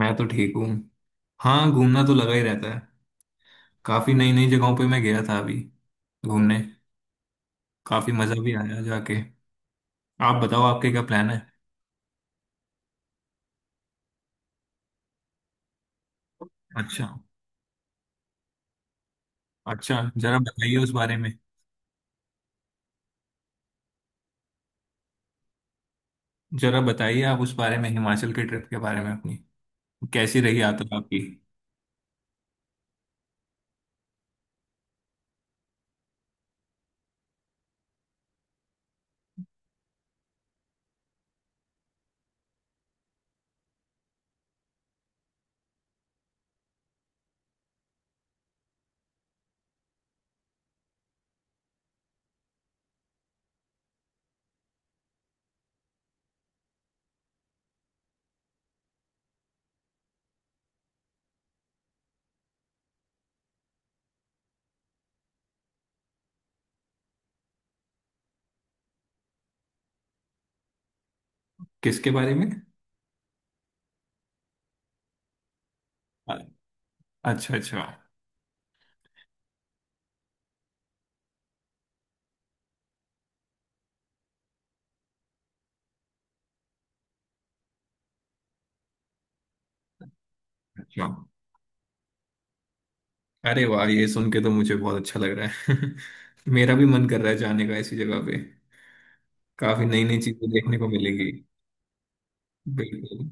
मैं तो ठीक हूँ। हाँ, घूमना तो लगा ही रहता है। काफी नई नई जगहों पे मैं गया था अभी घूमने। काफी मजा भी आया जाके। आप बताओ आपके क्या प्लान है? अच्छा, अच्छा, जरा बताइए उस बारे में। जरा बताइए आप उस बारे में हिमाचल के ट्रिप के बारे में अपनी। कैसी रही यात्रा आपकी? किसके बारे में? अ- अच्छा, अच्छा। अच्छा, अरे वाह, ये सुन के तो मुझे बहुत अच्छा लग रहा है। मेरा भी मन कर रहा है जाने का ऐसी जगह पे। काफी नई नई चीजें देखने को मिलेंगी। बिल्कुल।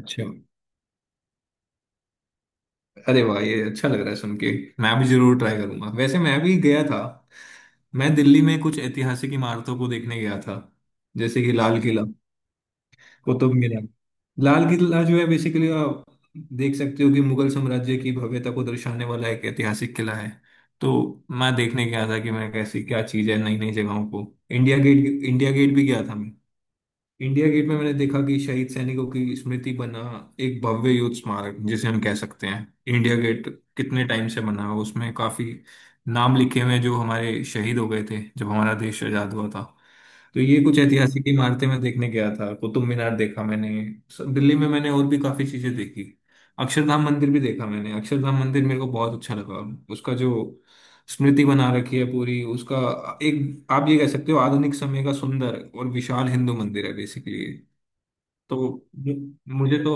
अच्छा, अरे वाह, ये अच्छा लग रहा है सुन के। मैं भी जरूर ट्राई करूंगा। वैसे मैं भी गया था। मैं दिल्ली में कुछ ऐतिहासिक इमारतों को देखने गया था। जैसे कि लाल किला, कुतुब मीनार। लाल किला जो है बेसिकली आप देख सकते हो कि मुगल साम्राज्य की भव्यता को दर्शाने वाला एक ऐतिहासिक किला है। तो मैं देखने गया था कि मैं कैसी क्या चीज़ है नई नई जगहों को। इंडिया गेट, इंडिया गेट भी गया था मैं। इंडिया गेट में मैंने देखा कि शहीद सैनिकों की स्मृति बना एक भव्य युद्ध स्मारक जिसे हम कह सकते हैं इंडिया गेट। कितने टाइम से बना है उसमें, काफी नाम लिखे हुए हैं जो हमारे शहीद हो गए थे जब हमारा देश आजाद हुआ था। तो ये कुछ ऐतिहासिक इमारतें मैं देखने गया था। कुतुब मीनार देखा मैंने। दिल्ली में मैंने और भी काफी चीजें देखी। अक्षरधाम मंदिर भी देखा मैंने। अक्षरधाम मंदिर मेरे को बहुत अच्छा लगा। उसका जो स्मृति बना रखी है पूरी उसका, एक आप ये कह सकते हो आधुनिक समय का सुंदर और विशाल हिंदू मंदिर है बेसिकली। तो मुझे तो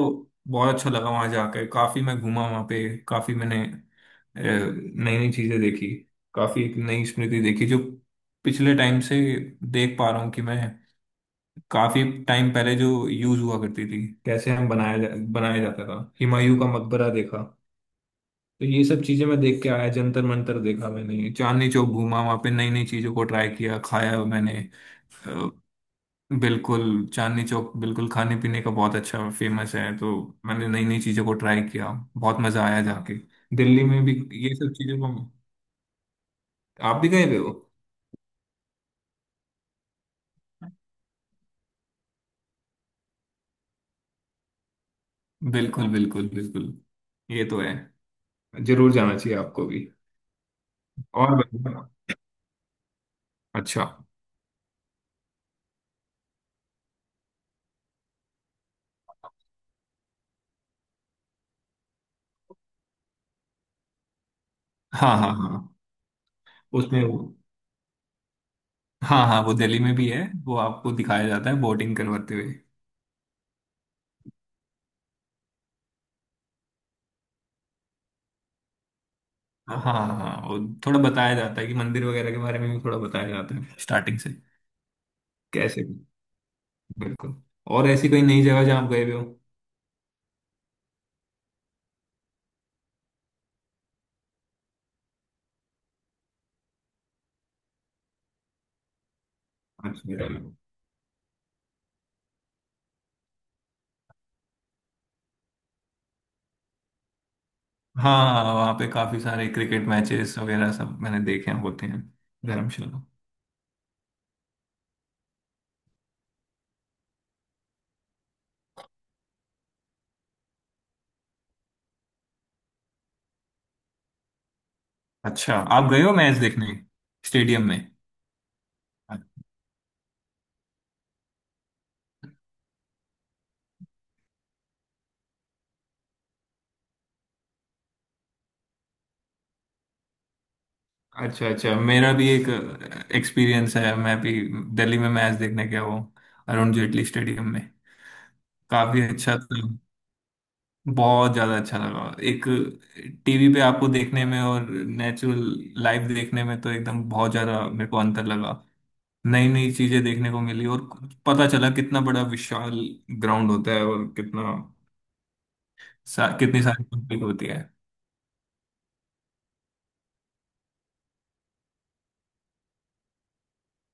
बहुत अच्छा लगा वहां जाकर। काफी मैं घूमा वहां पे। काफी मैंने नई नई चीजें देखी। काफी एक नई स्मृति देखी जो पिछले टाइम से देख पा रहा हूँ कि मैं काफी टाइम पहले जो यूज हुआ करती थी कैसे हम बनाया जाता था। हुमायूं का मकबरा देखा। तो ये सब चीजें मैं देख के आया। जंतर मंतर देखा मैंने। चांदनी चौक घूमा वहां पे, नई नई चीजों को ट्राई किया, खाया मैंने। अ, बिल्कुल। चांदनी चौक बिल्कुल खाने पीने का बहुत अच्छा फेमस है, तो मैंने नई नई चीजों को ट्राई किया। बहुत मजा आया जाके दिल्ली में भी। ये सब चीजों को आप भी गए हुए हो? बिल्कुल, बिल्कुल, बिल्कुल। ये तो है। जरूर जाना चाहिए आपको भी। और बताओ। अच्छा। हाँ, हाँ, हाँ। उसमें वो, हाँ हाँ, वो दिल्ली में भी है, वो आपको दिखाया जाता है बोटिंग करवाते हुए। हाँ हाँ, वो थोड़ा बताया जाता है कि मंदिर वगैरह के बारे में भी थोड़ा बताया जाता है स्टार्टिंग से। कैसे? बिल्कुल। और ऐसी कोई नई जगह जहाँ आप गए भी हो? अच्छा। हाँ, वहाँ पे काफी सारे क्रिकेट मैचेस वगैरह सब मैंने देखे हैं, होते हैं। धर्मशाला। अच्छा, आप गए हो मैच देखने स्टेडियम में? अच्छा, अच्छा। मेरा भी एक एक्सपीरियंस है। मैं भी दिल्ली में मैच देखने गया हूँ, अरुण जेटली स्टेडियम में। काफी अच्छा था। बहुत ज्यादा अच्छा लगा। एक, टीवी पे आपको देखने में और नेचुरल लाइव देखने में तो एकदम बहुत ज्यादा मेरे को अंतर लगा। नई नई चीजें देखने को मिली और पता चला कितना बड़ा विशाल ग्राउंड होता है और कितना कितनी सारी पब्लिक होती है।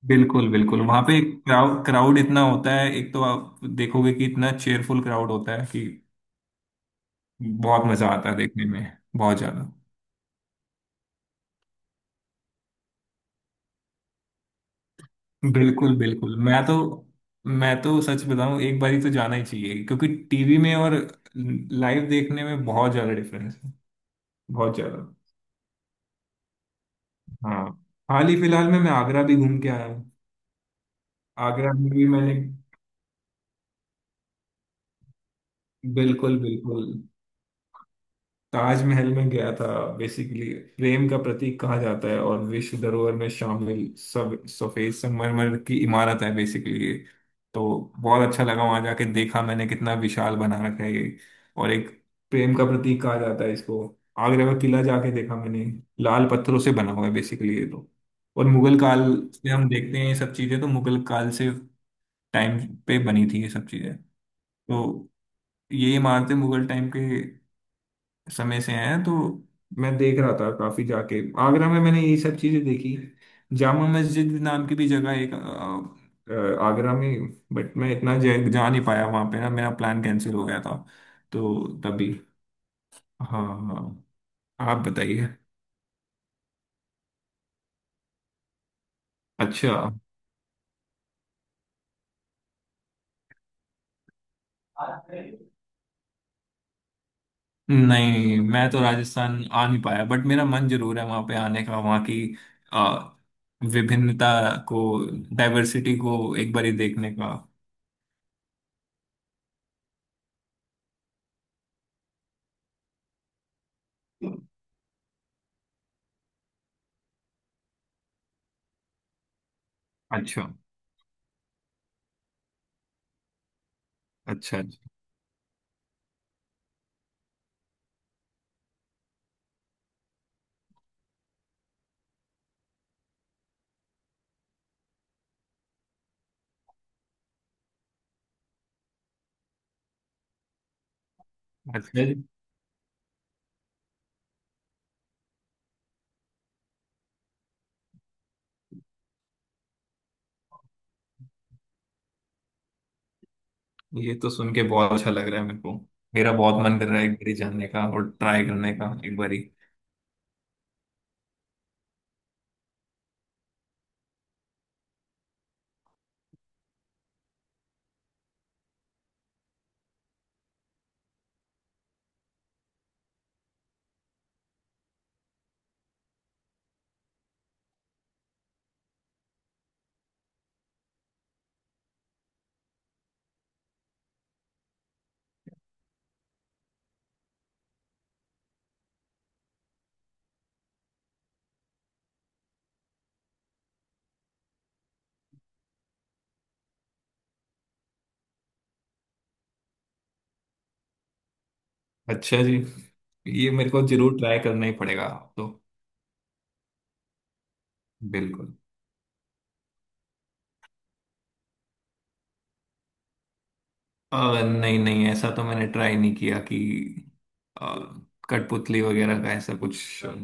बिल्कुल, बिल्कुल, वहां पे क्राउड, क्राउड इतना होता है, एक तो आप देखोगे कि इतना चेयरफुल क्राउड होता है कि बहुत मजा आता है देखने में, बहुत ज्यादा। बिल्कुल, बिल्कुल। मैं तो सच बताऊं, एक बारी तो जाना ही चाहिए क्योंकि टीवी में और लाइव देखने में बहुत ज्यादा डिफरेंस है, बहुत ज्यादा। हाँ, हाल ही फिलहाल में मैं आगरा भी घूम के आया हूँ। आगरा में भी मैंने, बिल्कुल, बिल्कुल, ताजमहल में गया था। बेसिकली प्रेम का प्रतीक कहा जाता है और विश्व धरोहर में शामिल, सब सफेद संगमरमर की इमारत है बेसिकली। तो बहुत अच्छा लगा वहां जाके। देखा मैंने कितना विशाल बना रखा है ये, और एक प्रेम का प्रतीक कहा जाता है इसको। आगरा का किला जाके देखा मैंने। लाल पत्थरों से बना हुआ है बेसिकली ये तो। और मुगल काल से हम देखते हैं ये सब चीजें। तो मुगल काल से टाइम पे बनी थी ये सब चीजें। तो ये इमारतें मुगल टाइम के समय से हैं। तो मैं देख रहा था काफी, जाके आगरा में मैंने ये सब चीजें देखी। जामा मस्जिद नाम की भी जगह एक, आगरा में। बट मैं इतना जा नहीं पाया वहां पे, ना, मेरा प्लान कैंसिल हो गया था तो तभी। हाँ, हाँ, हाँ। आप बताइए। अच्छा। नहीं, मैं तो राजस्थान आ नहीं पाया, बट मेरा मन जरूर है वहां पे आने का। वहां की अ, विभिन्नता को, डाइवर्सिटी को एक बार ही देखने का। अच्छा, अच्छा। अच्छा, ये तो सुन के बहुत अच्छा लग रहा है मेरे को। मेरा बहुत मन कर रहा है एक बारी जानने का और ट्राई करने का एक बारी। अच्छा जी, ये मेरे को जरूर ट्राई करना ही पड़ेगा। तो बिल्कुल। अ, नहीं, नहीं, ऐसा तो मैंने ट्राई नहीं किया कि अ, कठपुतली वगैरह का, ऐसा कुछ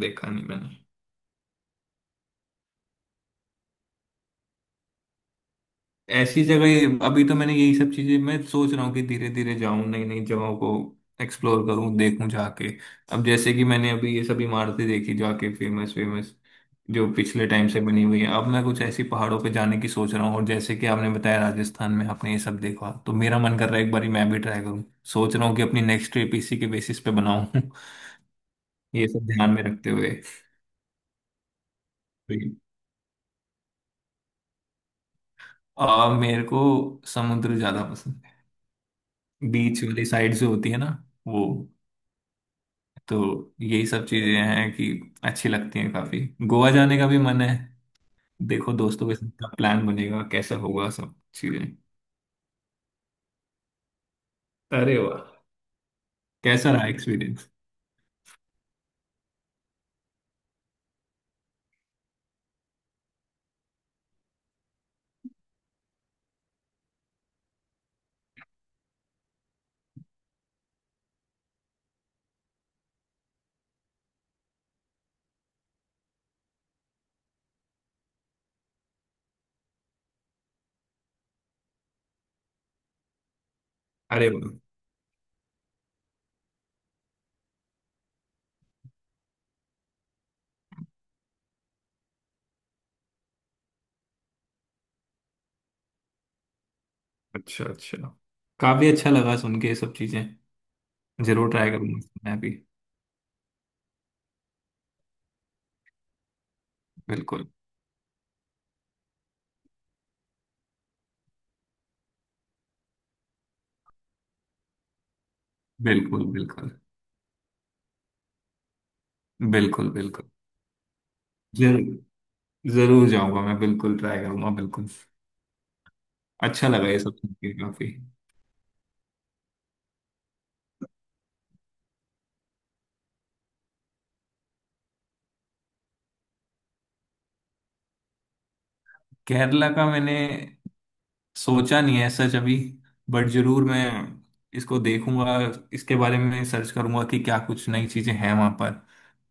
देखा नहीं मैंने। ऐसी जगह अभी तो मैंने, यही सब चीजें मैं सोच रहा हूँ कि धीरे धीरे जाऊं नई नई जगहों को एक्सप्लोर करूं, देखूं जाके। अब जैसे कि मैंने अभी ये सब इमारतें देखी जाके, फेमस फेमस जो पिछले टाइम से बनी हुई है, अब मैं कुछ ऐसी पहाड़ों पे जाने की सोच रहा हूँ। और जैसे कि आपने बताया राजस्थान में आपने ये सब देखा, तो मेरा मन कर रहा है एक बारी मैं भी ट्राई करूँ। सोच रहा हूँ कि अपनी नेक्स्ट ट्रिप इसी के बेसिस पे बनाऊं। ये सब ध्यान में रखते हुए। मेरे को समुद्र ज्यादा पसंद है। बीच वाली साइड जो होती है ना, वो। तो यही सब चीजें हैं कि अच्छी लगती हैं काफी। गोवा जाने का भी मन है। देखो दोस्तों के साथ प्लान बनेगा कैसा होगा सब चीजें। अरे वाह, कैसा रहा एक्सपीरियंस? अरे वाह। अच्छा, अच्छा, काफी अच्छा लगा सुन के ये सब चीजें। जरूर ट्राई करूंगा मैं भी। बिल्कुल, बिल्कुल। बिल्कुल, बिल्कुल, बिल्कुल। जरूर, जरूर जाऊंगा, मैं बिल्कुल ट्राई करूंगा, बिल्कुल। अच्छा लगा ये सब सुन के काफी। केरला का मैंने सोचा नहीं है सच, अभी। बट जरूर मैं इसको देखूंगा, इसके बारे में सर्च करूंगा कि क्या कुछ नई चीजें हैं वहां पर।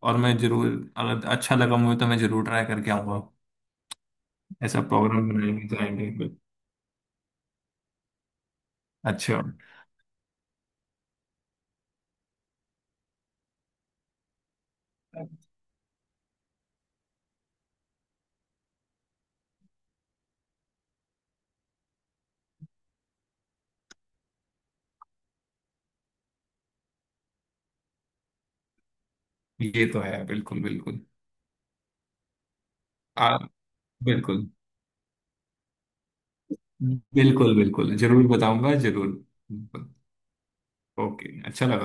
और मैं जरूर, अगर अच्छा लगा मुझे तो मैं जरूर ट्राई करके आऊंगा। ऐसा प्रोग्राम बनाएंगे, जाएंगे। अच्छा। ये तो है, बिल्कुल, बिल्कुल। आ, बिल्कुल। बिल्कुल, बिल्कुल, जरूर बताऊंगा, जरूर, बिल्कुल। ओके, अच्छा लगा।